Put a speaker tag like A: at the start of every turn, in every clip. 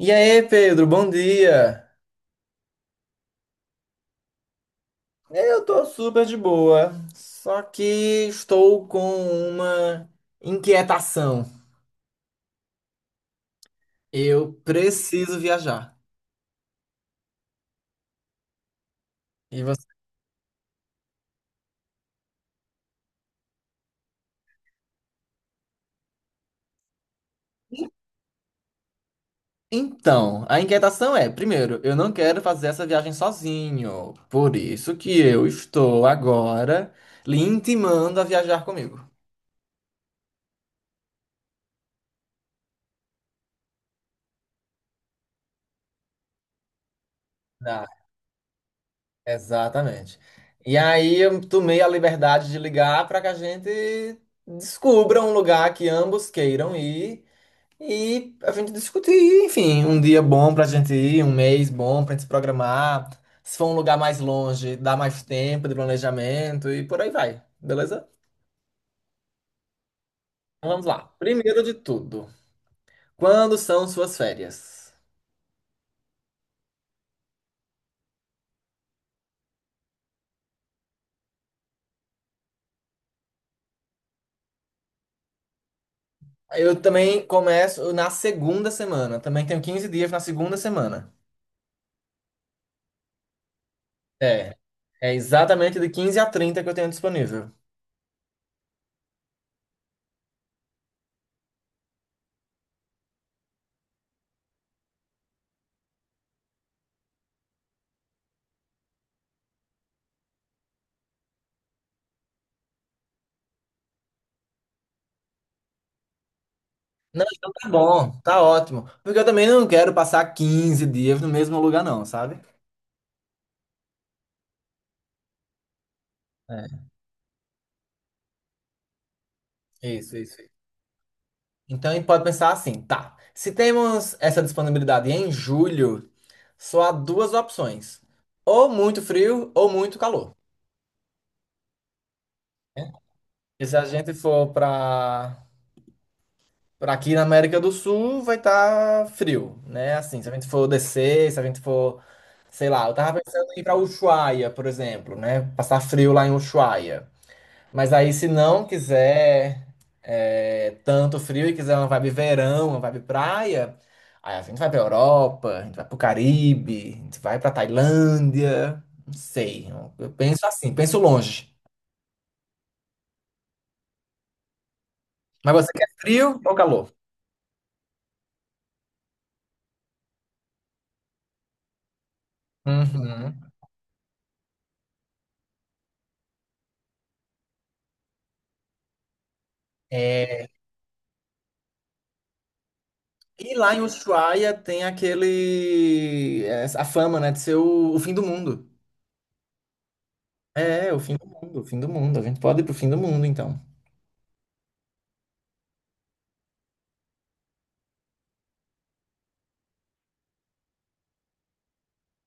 A: E aí, Pedro, bom dia. É, eu tô super de boa, só que estou com uma inquietação. Eu preciso viajar. E você? Então, a inquietação é, primeiro, eu não quero fazer essa viagem sozinho. Por isso que eu estou agora lhe intimando a viajar comigo. Ah, exatamente. E aí eu tomei a liberdade de ligar para que a gente descubra um lugar que ambos queiram ir. E a gente discutir, enfim, um dia bom pra gente ir, um mês bom pra gente se programar. Se for um lugar mais longe, dá mais tempo de planejamento e por aí vai, beleza? Então, vamos lá. Primeiro de tudo, quando são suas férias? Eu também começo na segunda semana, também tenho 15 dias na segunda semana. É, é exatamente de 15 a 30 que eu tenho disponível. Não, então tá bom, tá ótimo. Porque eu também não quero passar 15 dias no mesmo lugar, não, sabe? É, isso, isso. Então, a gente pode pensar assim, tá. Se temos essa disponibilidade em julho, só há duas opções: ou muito frio ou muito calor, né? E se a gente for para aqui na América do Sul, vai estar frio, né? Assim, se a gente for descer, se a gente for, sei lá, eu tava pensando em ir para Ushuaia, por exemplo, né? Passar frio lá em Ushuaia. Mas aí, se não quiser tanto frio e quiser uma vibe verão, uma vibe praia, aí a gente vai pra Europa, a gente vai pro Caribe, a gente vai pra Tailândia. Não sei. Eu penso assim, penso longe. Mas você quer frio ou calor? Uhum. É, e lá em Ushuaia tem aquele, a fama, né, de ser o fim do mundo. É, o fim do mundo, o fim do mundo. A gente pode ir pro fim do mundo, então.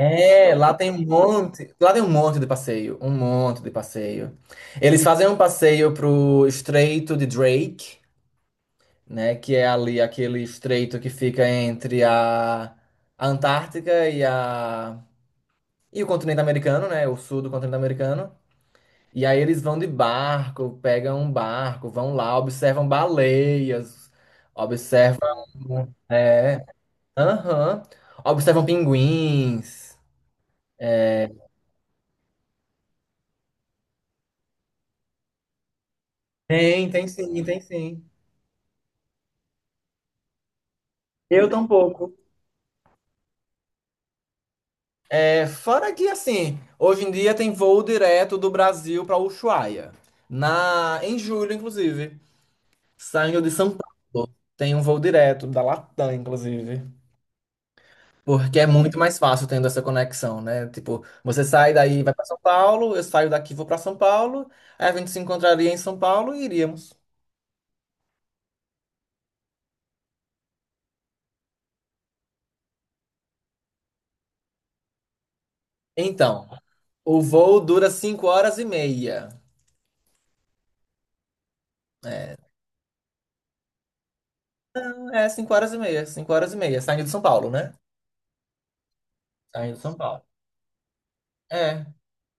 A: É, lá tem um monte de passeio, um monte de passeio. Eles fazem um passeio pro Estreito de Drake, né, que é ali aquele estreito que fica entre a Antártica e o continente americano, né, o sul do continente americano. E aí eles vão de barco, pegam um barco, vão lá, observam baleias, observam, é, aham, observam pinguins. Tem sim, tem sim. Eu tampouco. É, fora que assim, hoje em dia tem voo direto do Brasil para Ushuaia. Em julho, inclusive. Saindo de São Paulo. Tem um voo direto da Latam, inclusive. Porque é muito mais fácil tendo essa conexão, né? Tipo, você sai daí, e vai para São Paulo, eu saio daqui, e vou para São Paulo, aí a gente se encontraria em São Paulo e iríamos. Então, o voo dura 5 horas e meia. É, 5 horas e meia, 5 horas e meia, saindo de São Paulo, né? Saindo de São Paulo. É.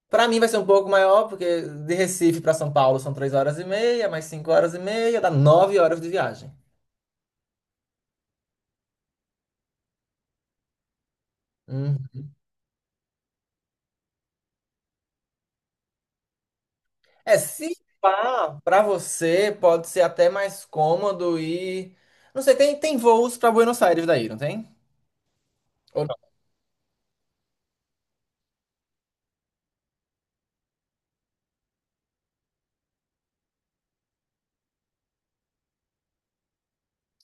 A: Para mim vai ser um pouco maior, porque de Recife para São Paulo são 3 horas e meia, mais 5 horas e meia, dá 9 horas de viagem. Hum. É, se pá, para você pode ser até mais cômodo ir. Não sei, tem voos para Buenos Aires daí, não tem? Ou não?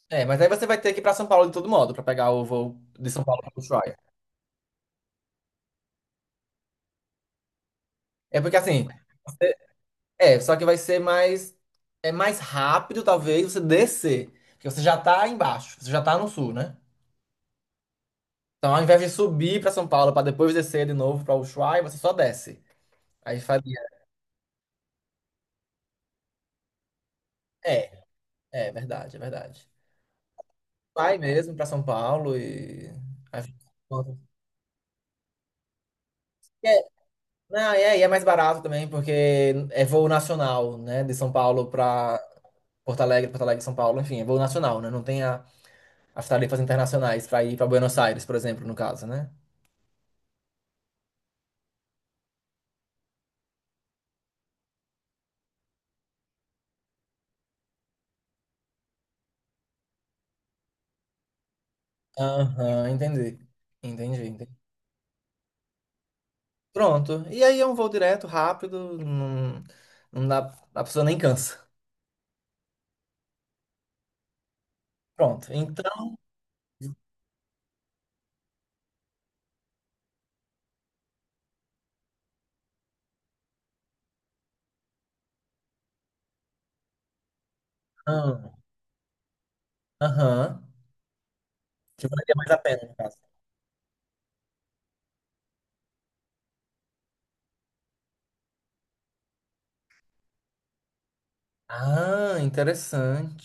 A: É, mas aí você vai ter que ir pra São Paulo de todo modo, para pegar o voo de São Paulo para Ushuaia. É porque assim, você- só que vai ser mais, é mais rápido, talvez, você descer. Porque você já tá embaixo, você já tá no sul, né? Então, ao invés de subir para São Paulo para depois descer de novo para Ushuaia, você só desce. Aí faria. É, é verdade, é verdade. Vai mesmo para São Paulo e aí fica por conta. É, não, e é mais barato também, porque é voo nacional, né? De São Paulo para Porto Alegre, Porto Alegre, São Paulo, enfim, é voo nacional, né? Não tem as tarifas internacionais para ir para Buenos Aires, por exemplo, no caso, né? Aham, entendi. Entendi, entendi. Pronto. E aí é um voo direto, rápido, não, não dá, a pessoa nem cansa. Pronto. Então, aham. Aham, que valeria mais a pena, no caso. Ah, interessante.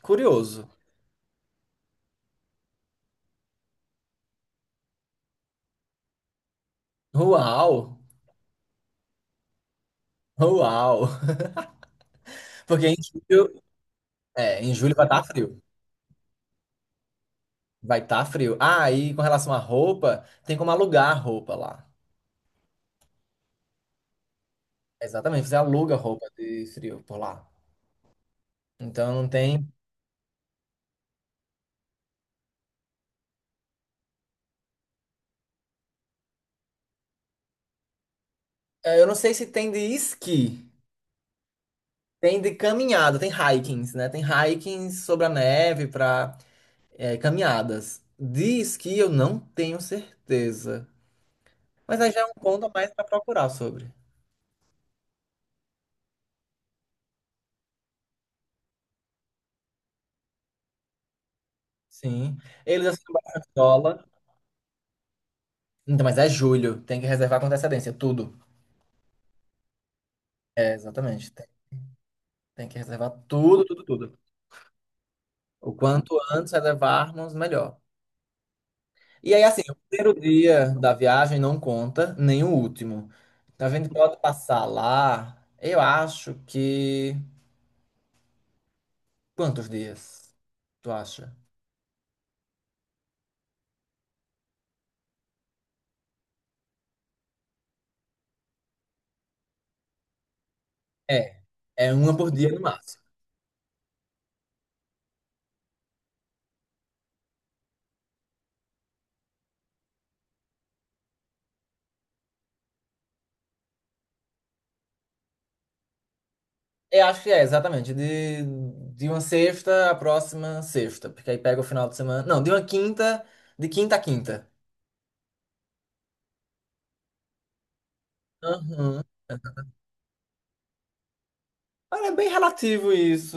A: Curioso. Uau! Uau! Porque em julho vai estar frio. Vai estar frio. Ah, e com relação à roupa, tem como alugar roupa lá. Exatamente, você aluga roupa de frio por lá. Então não tem. Eu não sei se tem de esqui, tem de caminhada, tem hikings, né? Tem hikings sobre a neve para caminhadas. Diz que eu não tenho certeza. Mas aí já é um ponto a mais para procurar sobre. Sim. Eles assinam bastante dólar. Então, mas é julho. Tem que reservar com antecedência. Tudo. É, exatamente. Tem que reservar tudo, tudo, tudo. O quanto antes reservarmos, melhor. E aí, assim, o primeiro dia da viagem não conta, nem o último. Então a gente pode passar lá, eu acho que. Quantos dias? Tu acha? É. É uma por dia no máximo. Eu acho que exatamente. De uma sexta à próxima sexta. Porque aí pega o final de semana. Não, de quinta a quinta. Uhum. Olha, é bem relativo isso.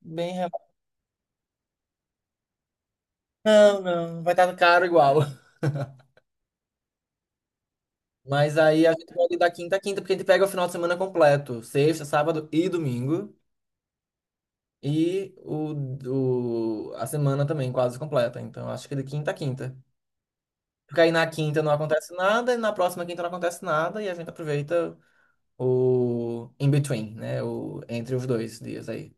A: Bem relativo. Não, não, vai estar caro igual. Mas aí a gente pode ir da quinta a quinta, porque a gente pega o final de semana completo. Sexta, sábado e domingo. E a semana também quase completa. Então acho que é de quinta a quinta. Porque aí na quinta não acontece nada, e na próxima quinta não acontece nada, e a gente aproveita. O in between, né? Entre os 2 dias aí.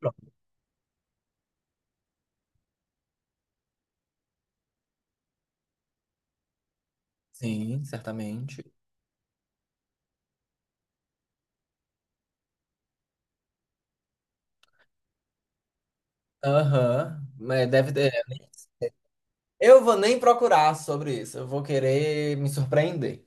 A: Pronto. Sim, certamente. Aham, mas deve ter, né? Eu vou nem procurar sobre isso, eu vou querer me surpreender.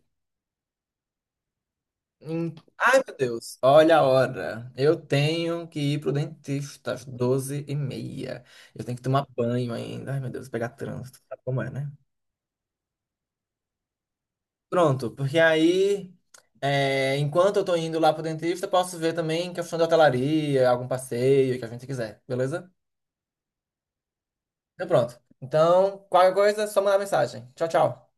A: Ai, meu Deus, olha a hora. Eu tenho que ir pro dentista às 12h30. Eu tenho que tomar banho ainda. Ai, meu Deus, pegar trânsito. Sabe como é, né? Pronto, porque aí, enquanto eu tô indo lá pro dentista, posso ver também questão de hotelaria, algum passeio que a gente quiser, beleza? Então pronto. Então, qualquer coisa, só mandar mensagem. Tchau, tchau.